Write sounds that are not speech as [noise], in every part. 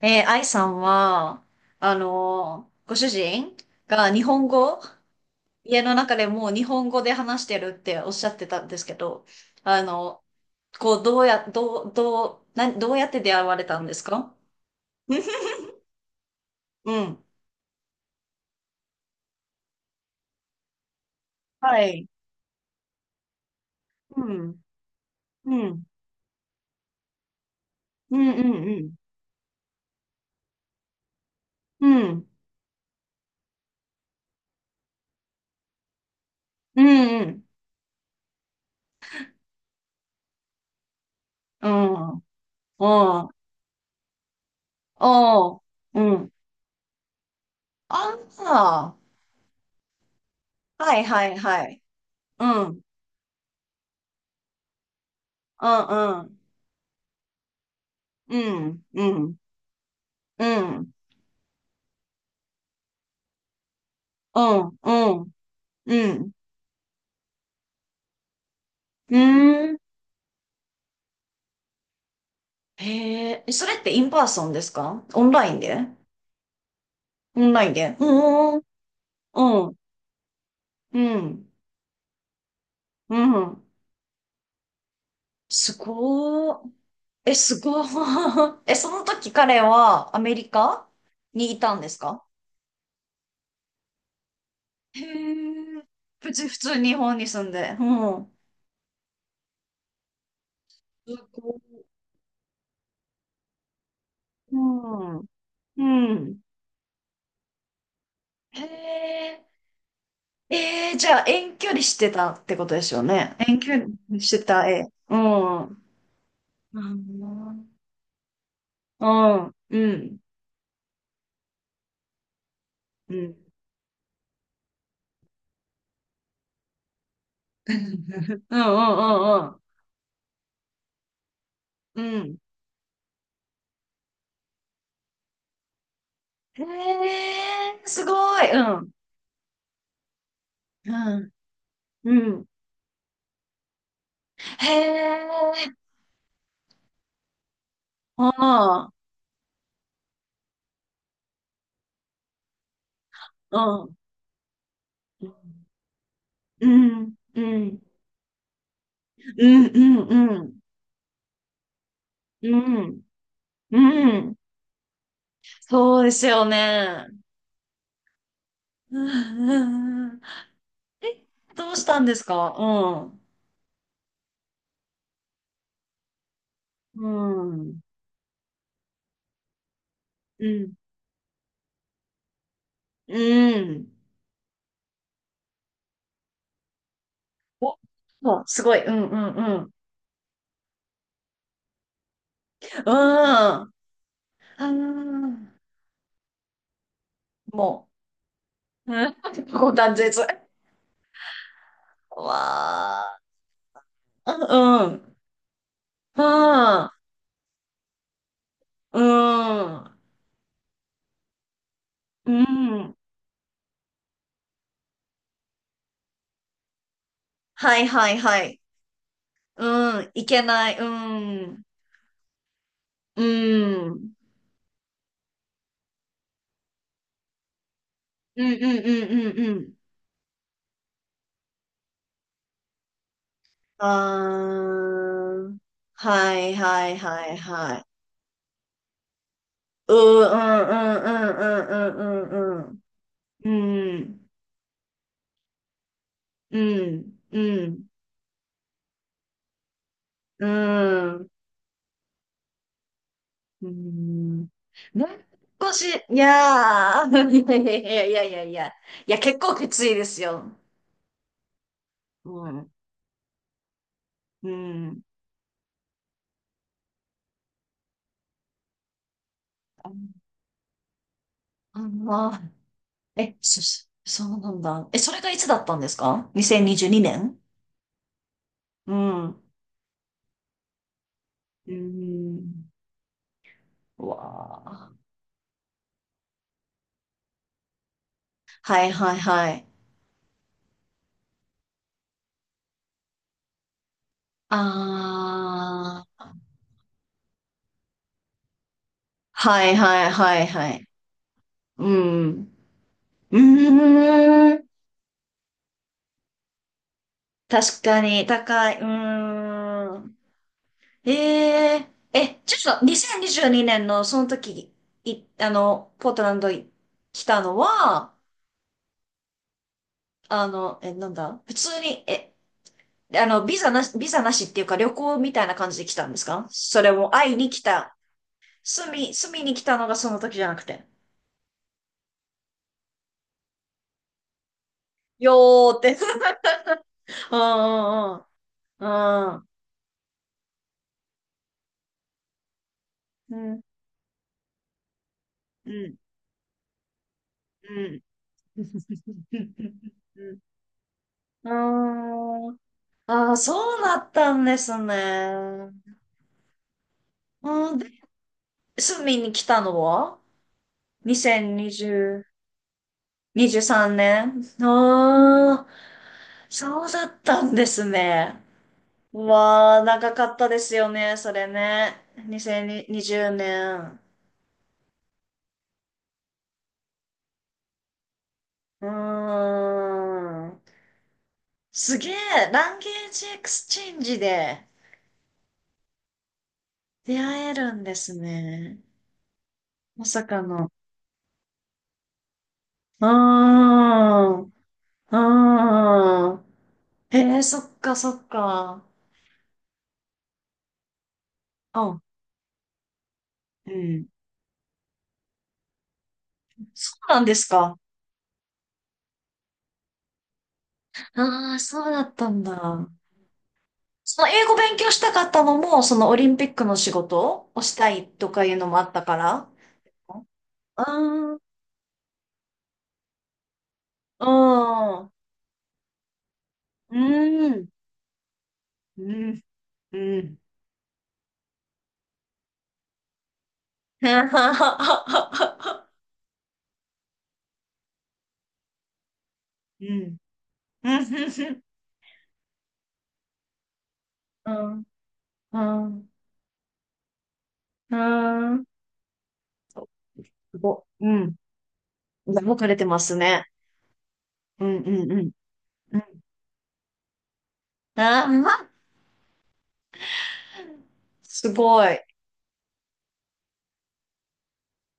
愛さんは、ご主人が日本語、家の中でもう日本語で話してるっておっしゃってたんですけど、あの、こう、どうや、どう、どう、な、どうやって出会われたんですか？ [laughs] うん。はい。うん。うん。うん。うん。うん。うん。うん。うん。うん。うん。うん。ああ。はいはいはい。うん。うん。うん。うん。うん。うん。うん、うん、うん。うーん、へえ、それってインパーソンですか、オンラインで？オンラインで、うーん、うん、うん、うん。すごー。え、すごー。[laughs] え、その時彼はアメリカにいたんですか？へえ、普通、普通日本に住んで。うん。すごー、うん、うん。へえ。ええ、じゃあ遠距離してたってことですよね。遠距離してた絵。うん。うん。うん。うん。うん。うん。うん。うん。うん、へえ、すごい。うん。うん。うん。へえ。ああ。うん。うん。うん。うん。うん。うん。うん。うん。そうですよね。うん。うん。うん、え、どうしたんですか？うん。うん。うん。うん。お、もう、すごい。うんうんうん。うん。あーもう、うん、[laughs] ここ断絶。わあ。うん。あー、うん。うん。はいはいはい。うん。いけない。うん。うん。うんうんうんうんうん。あーもう、うん、断絶、わあ、うん、あー、うん、うん、はいはいはいはい。うー、うんうんうんうんうんうんうん、あー、はいはいはいはい、ううん。うん、うん、うん、うん。もう少し、いやー、[laughs] いやいやいやいやいやいや、いや、結構きついですよ。うん、うん。あ、あ、まあ、え、そ、そそうなんだ。え、それがいつだったんですか？ 2022 年？うん。うーん。うわあ。はいはいはい。ああ。はいはいはいはい。うん。うーん。確かに高い、うん、へえ、え、ちょっと、二千二十二年のその時あのポートランド来たのは、あのえ、なんだ、普通にえ、あのビザなしビザなしっていうか旅行みたいな感じで来たんですか？それも会いに来た、住み住みに来たのがその時じゃなくて、よって、うんうんうんうんうんうんうんうんうんうん。ああ、そうだったんですね。うん、で、住みに来たのは？ 2020、23年、ああ、そうだったんですね。わあ、長かったですよね、それね。2020年。うーん。すげえ、ランゲージエクスチェンジで出会えるんですね。まさかの。うーん。うーん。へえ、そっかそっか。うん、うん。そうなんですか。ああ、そうだったんだ。その英語勉強したかったのも、そのオリンピックの仕事をしたいとかいうのもあったから。うんうん、うん、うん、うん。[laughs] うん。うん。うん。うん。すご、うん。動かれてますね。うん、うん、うん。うん。ああ、すごい。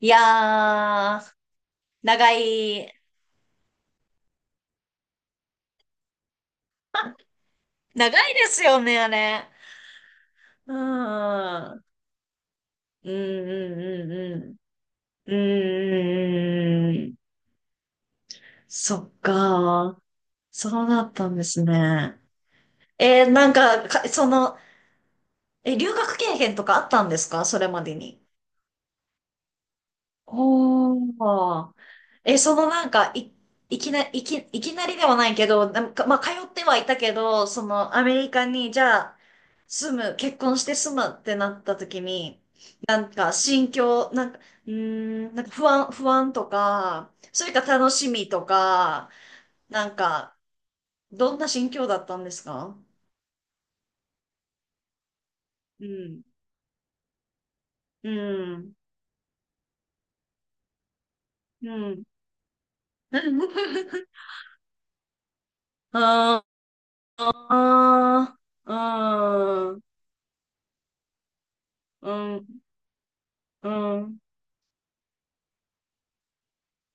いやー、長い、長いですよね、あれ。うーん。うんうんうんうん。うんうんうんうん。そっか。そうだったんですね。えー、なんか、その、え、留学経験とかあったんですか、それまでに。おー。え、そのなんか、いきなりではないけど、なんか、まあ、通ってはいたけど、その、アメリカに、じゃあ、住む、結婚して住むってなった時に、なんか、心境、なんか、うーん、なんか不安、不安とか、それか楽しみとか、なんか、どんな心境だったんですか？うん。うん。うん。[laughs] ああ、うん。うん。うん。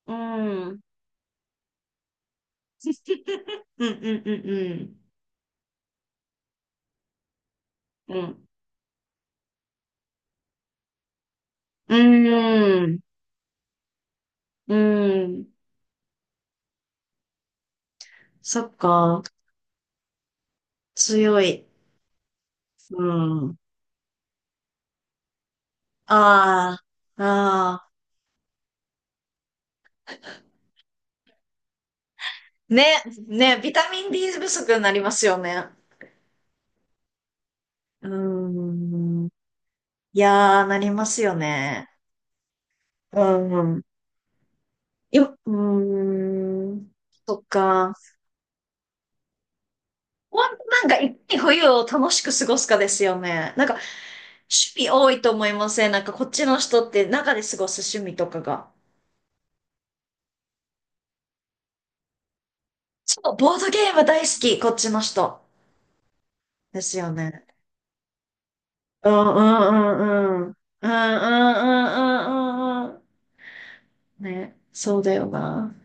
うん。うんうんうんうん。うん。うん。うんうん、そっか。強い。うん。ああ。ああ。ね。ね。ビタミン D 不足になりますよね。うん。いやー、なりますよね。うん。よ、うーん。そっか。ほんとなんか、いかに冬を楽しく過ごすかですよね。なんか、趣味多いと思いません、なんか、こっちの人って中で過ごす趣味とかが。そう、ボードゲーム大好き、こっちの人。ですよね。うんうんうんうん。うんうんうんうんうんうん。ね、そうだよな。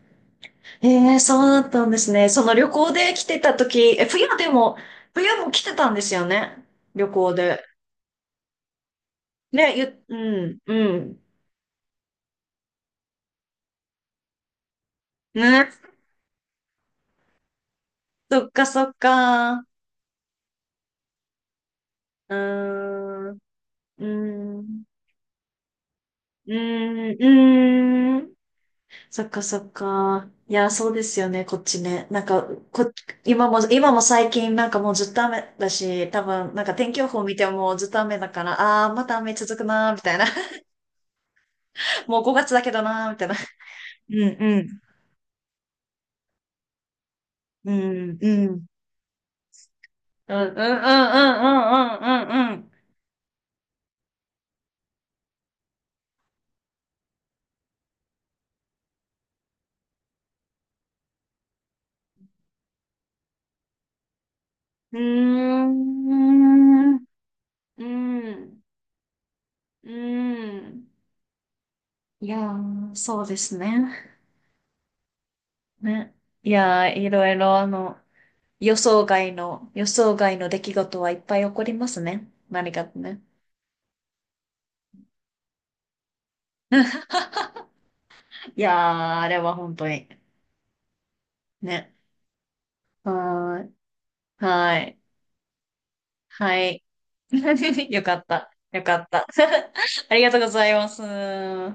ええ、そうだったんですね。その旅行で来てた時、え、冬でも、冬も来てたんですよね。旅行で。ね、うん、うん。ね、そっかそっか。うーん、うーん、うーん、うーん。そっかそっか。いや、そうですよね、こっちね。なんか、こ、今も、今も最近なんかもうずっと雨だし、多分なんか天気予報見てもずっと雨だから、あー、また雨続くなー、みたいな。[laughs] もう5月だけどなー、みたいな。うんうん。うんうん。うんうんうんうんうんうんうんうん。うーん。うーん。うーん。いやー、そうですね。ね。いやー、いろいろ、あの、予想外の、予想外の出来事はいっぱい起こりますね、何かね。[laughs] いやー、あれは本当に。ね。はーい。はい。はい。[laughs] よかった。よかった。[laughs] ありがとうございます。